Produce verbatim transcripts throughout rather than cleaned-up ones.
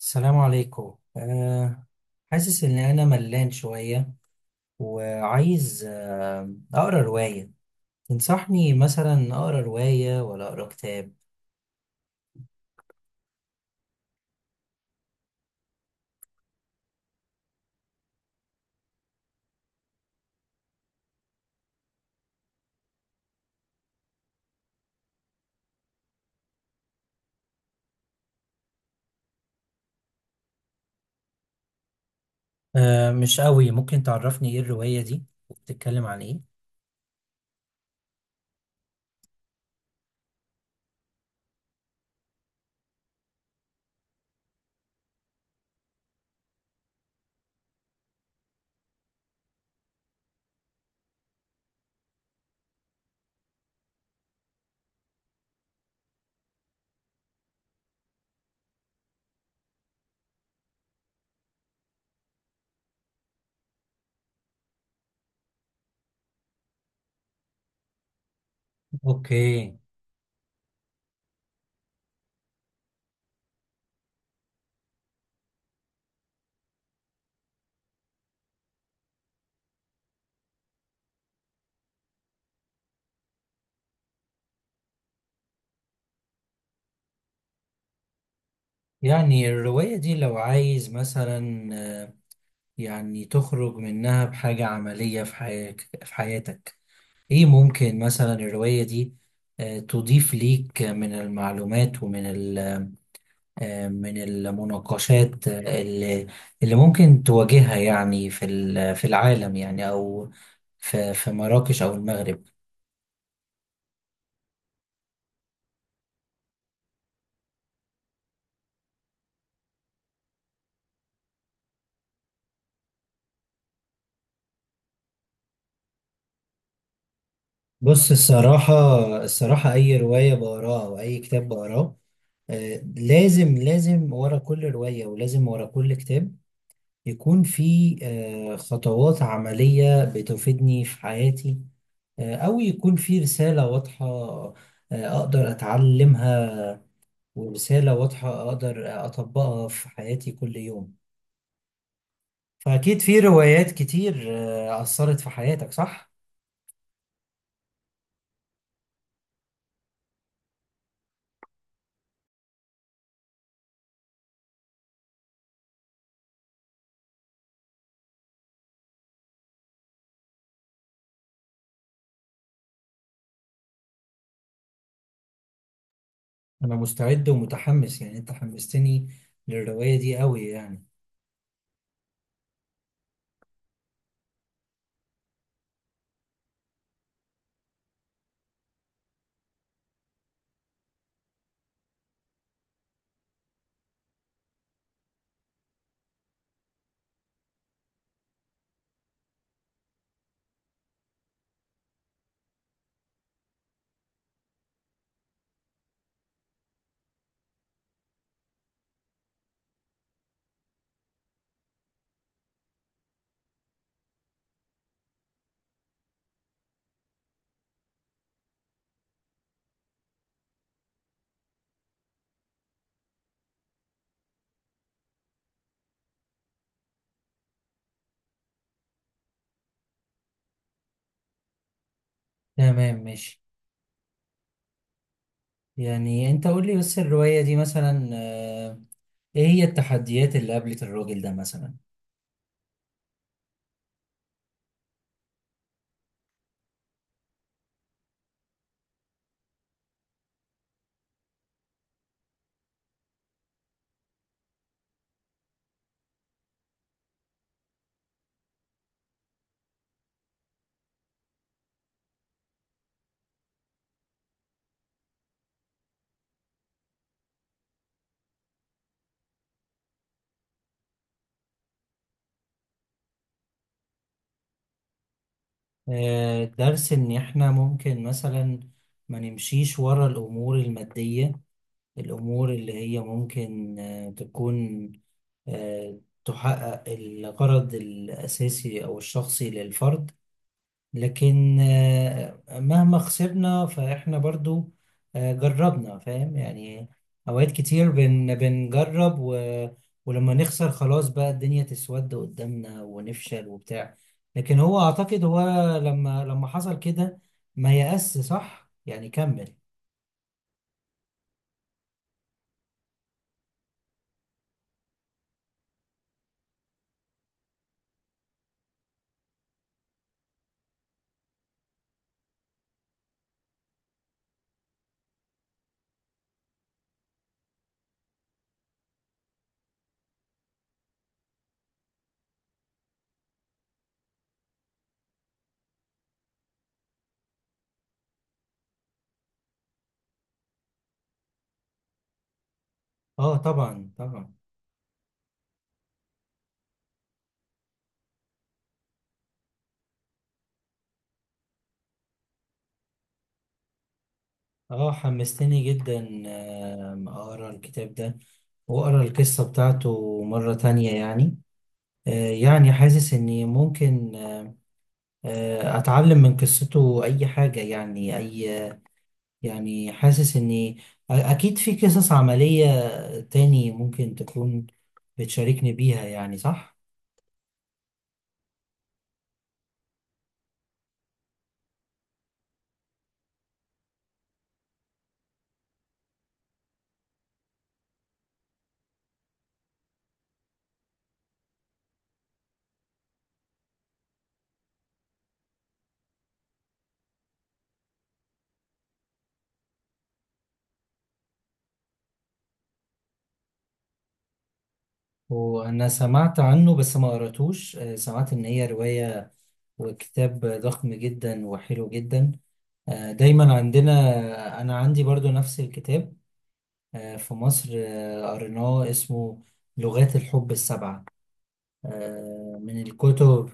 السلام عليكم أه حاسس إن أنا ملان شوية، وعايز آه، أقرأ رواية. تنصحني مثلا أقرأ رواية ولا أقرأ كتاب؟ أه، مش قوي. ممكن تعرفني إيه الرواية دي؟ بتتكلم عن إيه؟ أوكي. يعني الرواية دي لو عايز مثلا آه، يعني تخرج منها بحاجة عملية في حياتك في حياتك. إيه ممكن مثلا الرواية دي آه، تضيف ليك من المعلومات، ومن آه، من المناقشات اللي اللي ممكن تواجهها، يعني في ال- في العالم، يعني او في في مراكش او المغرب. بص، الصراحة، الصراحة أي رواية بقراها أو أي كتاب بقراه، آه، لازم، لازم ورا كل رواية، ولازم ورا كل كتاب يكون في آه، خطوات عملية بتفيدني في حياتي، آه، أو يكون في رسالة واضحة، آه، أقدر أتعلمها، ورسالة واضحة أقدر أطبقها في حياتي كل يوم. فأكيد في روايات كتير آه، أثرت في حياتك، صح؟ أنا مستعد ومتحمس، يعني أنت حمستني للرواية دي أوي يعني. تمام، ماشي. يعني أنت قول لي بس، الرواية دي مثلا آه، إيه هي التحديات اللي قابلت الراجل ده مثلا؟ آه، درس إن إحنا ممكن مثلا ما نمشيش ورا الأمور المادية، الأمور اللي هي ممكن آه، تكون آه، تحقق الغرض الأساسي أو الشخصي للفرد. لكن آه، مهما خسرنا فإحنا برضو آه، جربنا، فاهم يعني؟ أوقات كتير بن بنجرب و... ولما نخسر، خلاص بقى الدنيا تسود قدامنا ونفشل وبتاع. لكن هو، أعتقد هو لما لما حصل كده، ما يأس، صح، يعني كمل. اه، طبعا طبعا. اه، حمستني جدا، آه، اقرا الكتاب ده وأقرأ القصة بتاعته مرة تانية يعني. آه، يعني حاسس إني ممكن آه، أتعلم من قصته أي حاجة، يعني أي، يعني حاسس إني أ- أكيد في قصص عملية تاني ممكن تكون بتشاركني بيها، يعني صح؟ وأنا سمعت عنه بس ما قرأتوش، آه، سمعت إن هي رواية وكتاب ضخم جدا وحلو جدا. آه، دايما عندنا، أنا عندي برضو نفس الكتاب آه، في مصر، آه، قريناه اسمه لغات الحب السبعة. آه، من الكتب،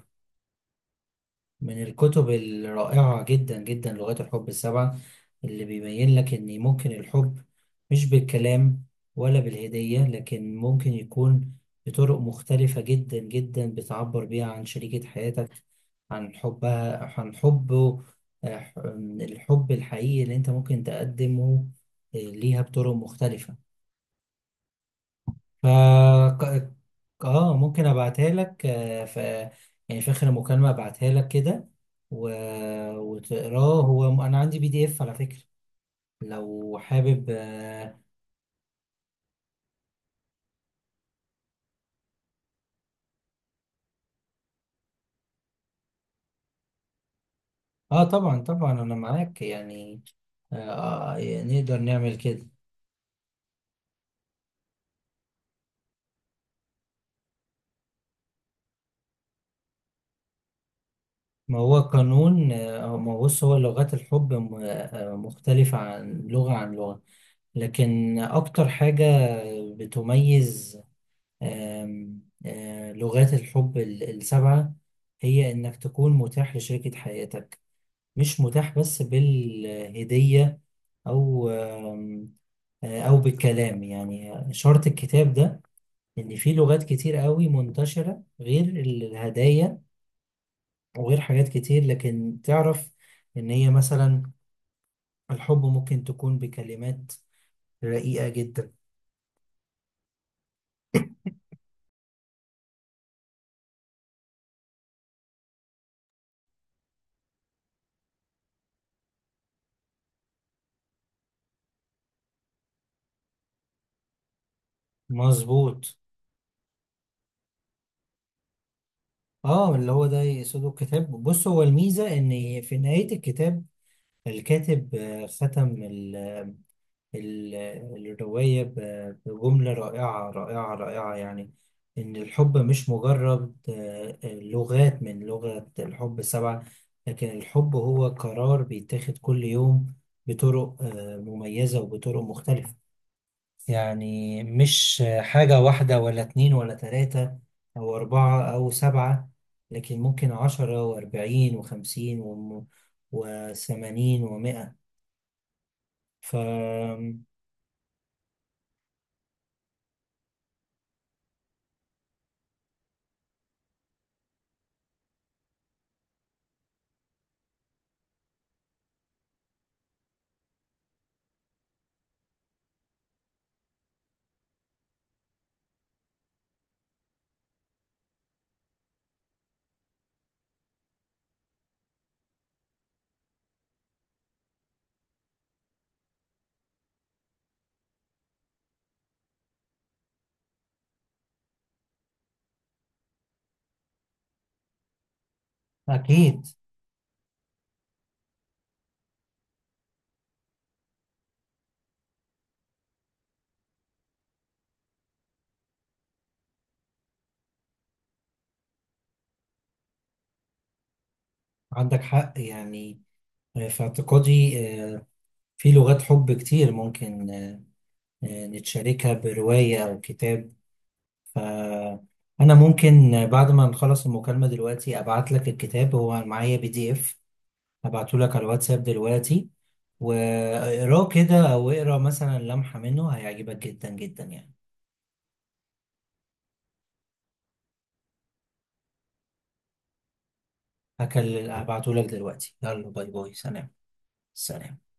من الكتب الرائعة جدا جدا، لغات الحب السبعة، اللي بيبين لك إن ممكن الحب مش بالكلام ولا بالهدية، لكن ممكن يكون بطرق مختلفة جدا جدا، بتعبر بيها عن شريكة حياتك، عن حبها، عن حبه. آه، الحب الحقيقي اللي انت ممكن تقدمه آه، ليها بطرق مختلفة. ف ك- اه، ممكن ابعتها لك، آه، ف يعني في اخر المكالمه، ابعتها لك كده، و... وتقراه. هو م- انا عندي بي دي اف على فكره، لو حابب. اه، آه، طبعا طبعا، انا معاك يعني. آه آه، يعني نقدر نعمل كده. ما هو قانون آه، آه، ما هو، بص، هو لغات الحب م- آه، مختلفة عن لغة عن لغة لكن أكتر حاجة بتميز، آم، آه، لغات الحب ال- السبعة، هي إنك تكون متاح لشريكة حياتك. مش متاح بس بالهدية، أو آم، آه، أو بالكلام، يعني شرط الكتاب ده إن في لغات كتير قوي منتشرة غير ال- الهدايا وغير حاجات كتير، لكن تعرف إن هي مثلا الحب ممكن تكون بكلمات رقيقة جدا. مظبوط. اه، اللي هو ده يقصده الكتاب. بص، هو الميزة إن في نهاية الكتاب، الكاتب آه، ختم ال- ال- الرواية ب- بجملة رائعة رائعة رائعة، يعني إن الحب مش مجرد آه، لغات، من لغة الحب سبعة، لكن الحب هو قرار بيتاخد كل يوم بطرق آه، مميزة وبطرق مختلفة. يعني مش آه، حاجة واحدة ولا اتنين ولا تلاتة أو أربعة أو سبعة، لكن ممكن عشرة وأربعين وخمسين وم- وثمانين ومئة. فأكيد. عندك حق يعني. آه، في اعتقادي، آه، في لغات حب كتير، ممكن آه، آه، نتشاركها برواية أو كتاب. فأنا ممكن آه، بعد ما نخلص المكالمة دلوقتي، أبعت لك الكتاب، هو معايا بي دي إف. هبعته لك على الواتساب دلوقتي، واقراه كده أو اقرا مثلا لمحة منه، هيعجبك جدا جدا يعني. هكل هبعته لك دلوقتي، يلا، باي باي، سلام سلام.